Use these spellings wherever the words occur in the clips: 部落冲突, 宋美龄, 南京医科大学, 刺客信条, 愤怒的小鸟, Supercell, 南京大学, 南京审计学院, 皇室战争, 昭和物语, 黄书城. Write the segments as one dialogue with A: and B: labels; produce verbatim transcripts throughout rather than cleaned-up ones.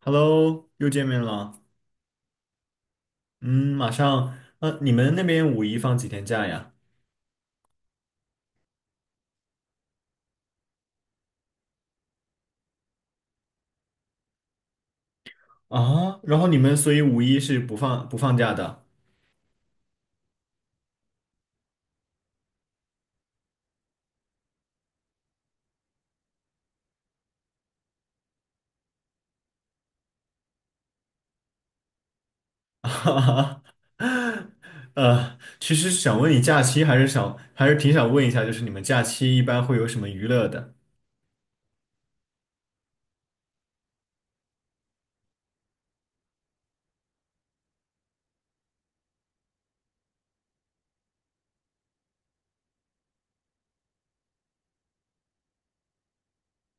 A: Hello，又见面了。嗯，马上，呃，你们那边五一放几天假呀？啊，然后你们所以五一是不放不放假的？哈哈，呃，其实想问你假期，还是想还是挺想问一下，就是你们假期一般会有什么娱乐的？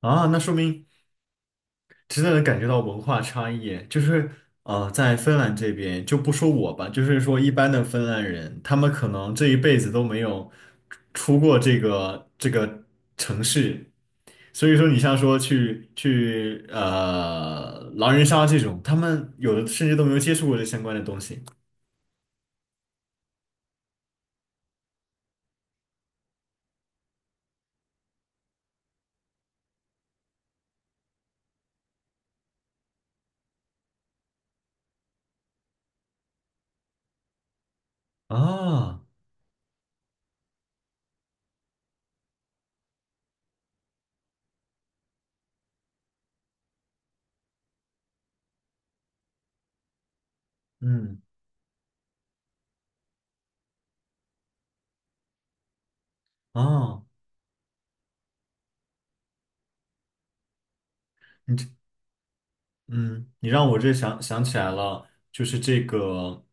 A: 啊，那说明真的能感觉到文化差异，就是呃，在芬兰这边就不说我吧，就是说一般的芬兰人，他们可能这一辈子都没有出过这个这个城市，所以说你像说去去呃狼人杀这种，他们有的甚至都没有接触过这相关的东西啊，嗯啊。你这。嗯，你让我这想想起来了，就是这个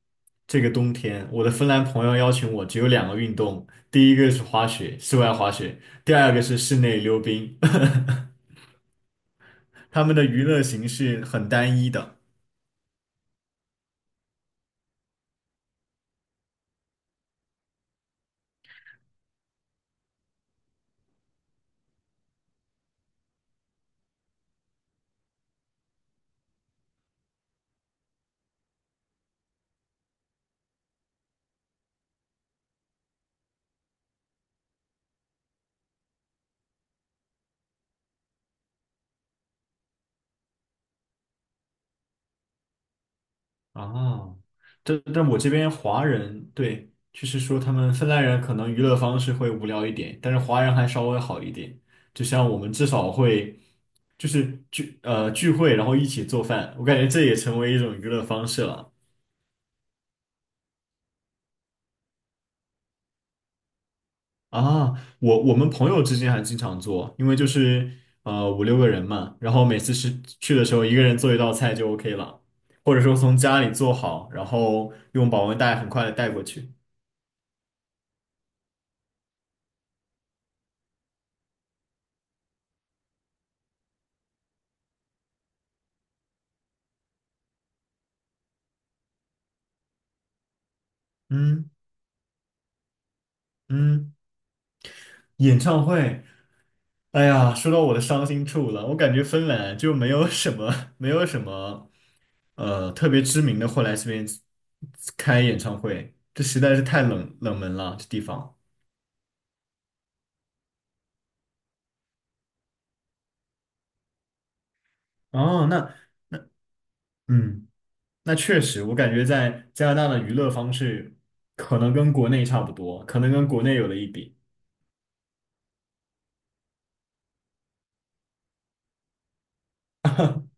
A: 这个冬天，我的芬兰朋友邀请我，只有两个运动，第一个是滑雪，室外滑雪，第二个是室内溜冰，他们的娱乐形式很单一的。哦，但但我这边华人，对，就是说他们芬兰人可能娱乐方式会无聊一点，但是华人还稍微好一点。就像我们至少会就是聚呃聚会，然后一起做饭，我感觉这也成为一种娱乐方式了。啊，我我们朋友之间还经常做，因为就是呃五六个人嘛，然后每次是去的时候一个人做一道菜就 O K 了，或者说从家里做好，然后用保温袋很快的带过去。嗯嗯，演唱会，哎呀，说到我的伤心处了，我感觉芬兰就没有什么 没有什么呃特别知名的会来这边开演唱会，这实在是太冷冷门了，这地方。哦，那。嗯。那确实，我感觉在加拿大的娱乐方式可能跟国内差不多，可能跟国内有的一比。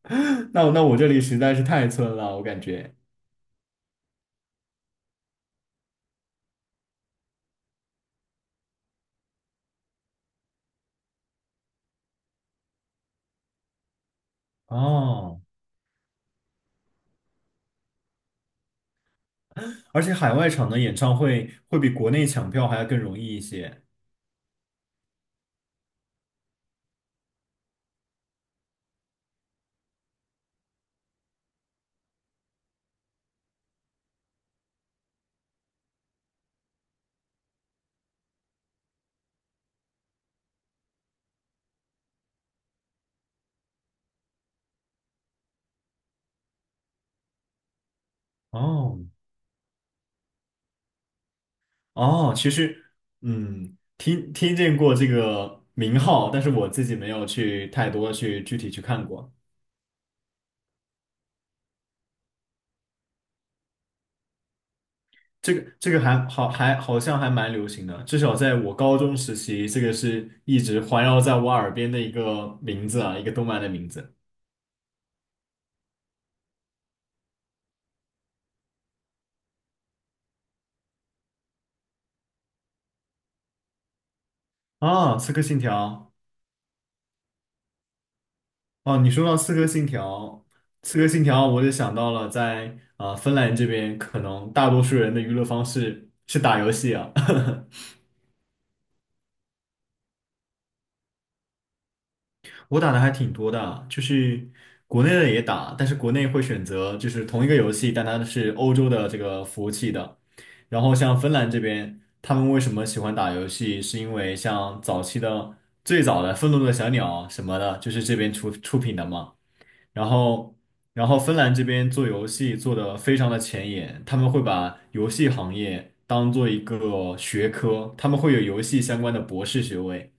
A: 那我那我这里实在是太村了，我感觉。哦，而且海外场的演唱会会比国内抢票还要更容易一些。哦哦，其实嗯，听听见过这个名号，但是我自己没有去太多去具体去看过。这个这个还好还好像还蛮流行的，至少在我高中时期，这个是一直环绕在我耳边的一个名字啊，一个动漫的名字啊，《刺客信条》哦，你说到《刺客信条》，《刺客信条》，我就想到了在啊、呃芬兰这边，可能大多数人的娱乐方式是打游戏啊。我打的还挺多的啊，就是国内的也打，但是国内会选择就是同一个游戏，但它是欧洲的这个服务器的。然后像芬兰这边，他们为什么喜欢打游戏，是因为像早期的最早的《愤怒的小鸟》什么的，就是这边出出品的嘛。然后，然后芬兰这边做游戏做的非常的前沿，他们会把游戏行业当做一个学科，他们会有游戏相关的博士学位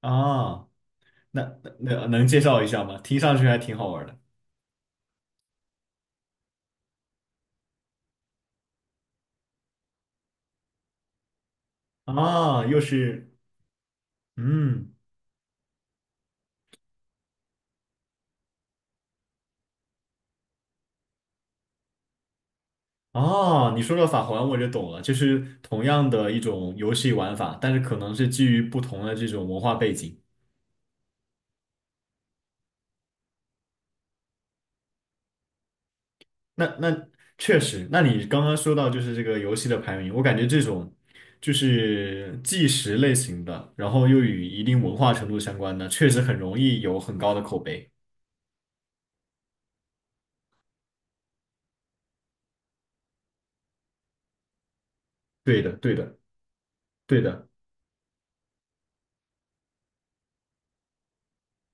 A: 啊。那那能介绍一下吗？听上去还挺好玩的啊，又是嗯哦，你说到法环我就懂了，就是同样的一种游戏玩法，但是可能是基于不同的这种文化背景。那那确实，那你刚刚说到就是这个游戏的排名，我感觉这种就是纪实类型的，然后又与一定文化程度相关的，确实很容易有很高的口碑。对的，对的，对的，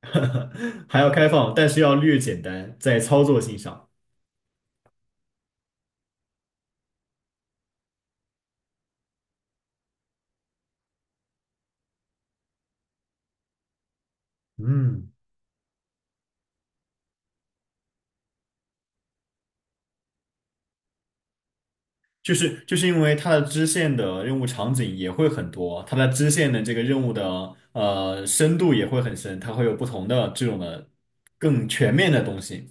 A: 还要开放，但是要略简单，在操作性上。嗯，就是就是因为它的支线的任务场景也会很多，它的支线的这个任务的呃深度也会很深，它会有不同的这种的更全面的东西。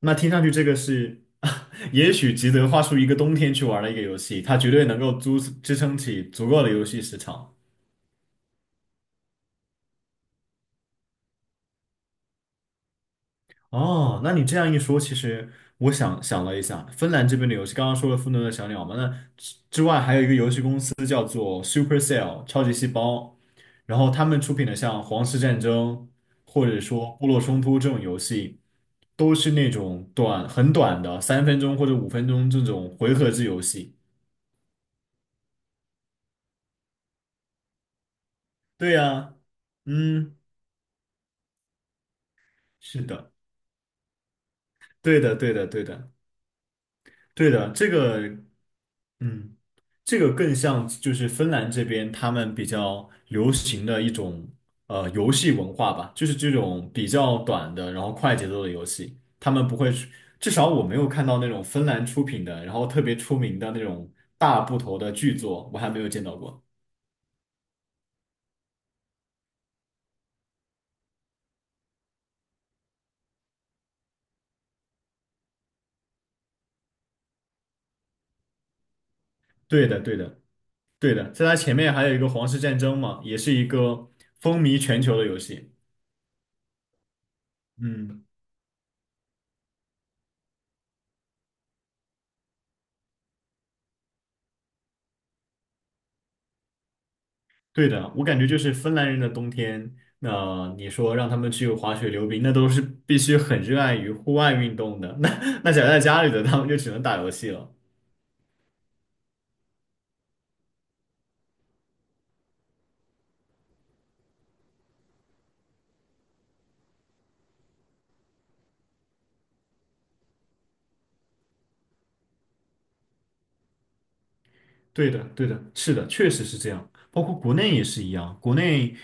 A: 那听上去这个是，也许吉德花出一个冬天去玩的一个游戏，它绝对能够支支撑起足够的游戏时长。哦，那你这样一说，其实我想想了一下，芬兰这边的游戏，刚刚说了《愤怒的小鸟》嘛，那 Supercell 超级细胞，然后他们出品的像《皇室战争》或者说《部落冲突》这种游戏，都是那种短很短的三分钟或者五分钟这种回合制游戏。对呀，嗯，是的，对的，对的，对的，对的，这个。嗯，这个更像就是芬兰这边他们比较流行的一种呃游戏文化吧，就是这种比较短的，然后快节奏的游戏，他们不会去至少我没有看到那种芬兰出品的，然后特别出名的那种大部头的巨作，我还没有见到过。对的，对的，对的，在它前面还有一个《皇室战争》嘛，也是一个风靡全球的游戏。嗯。对的，我感觉就是芬兰人的冬天，那、你说让他们去滑雪溜冰，那都是必须很热爱于户外运动的。那那宅在家里的，他们就只能打游戏了。对的，对的，是的，确实是这样。包括国内也是一样，国内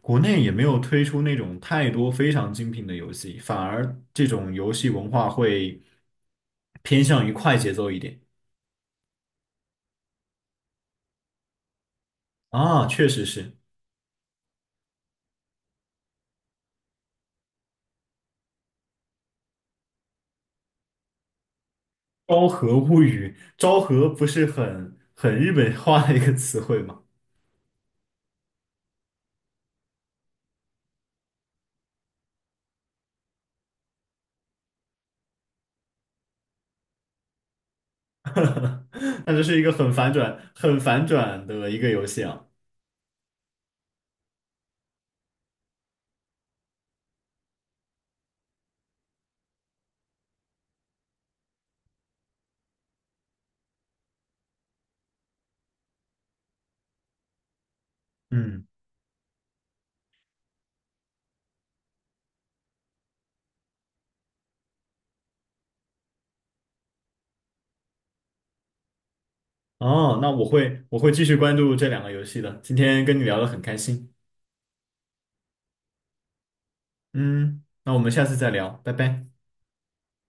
A: 国内也没有推出那种太多非常精品的游戏，反而这种游戏文化会偏向于快节奏一点。啊，确实是《昭和物语》，昭和不是很很日本化的一个词汇吗？那这是一个很反转、很反转的一个游戏啊。嗯，哦，那我会我会继续关注这两个游戏的。今天跟你聊得很开心，嗯，那我们下次再聊，拜拜。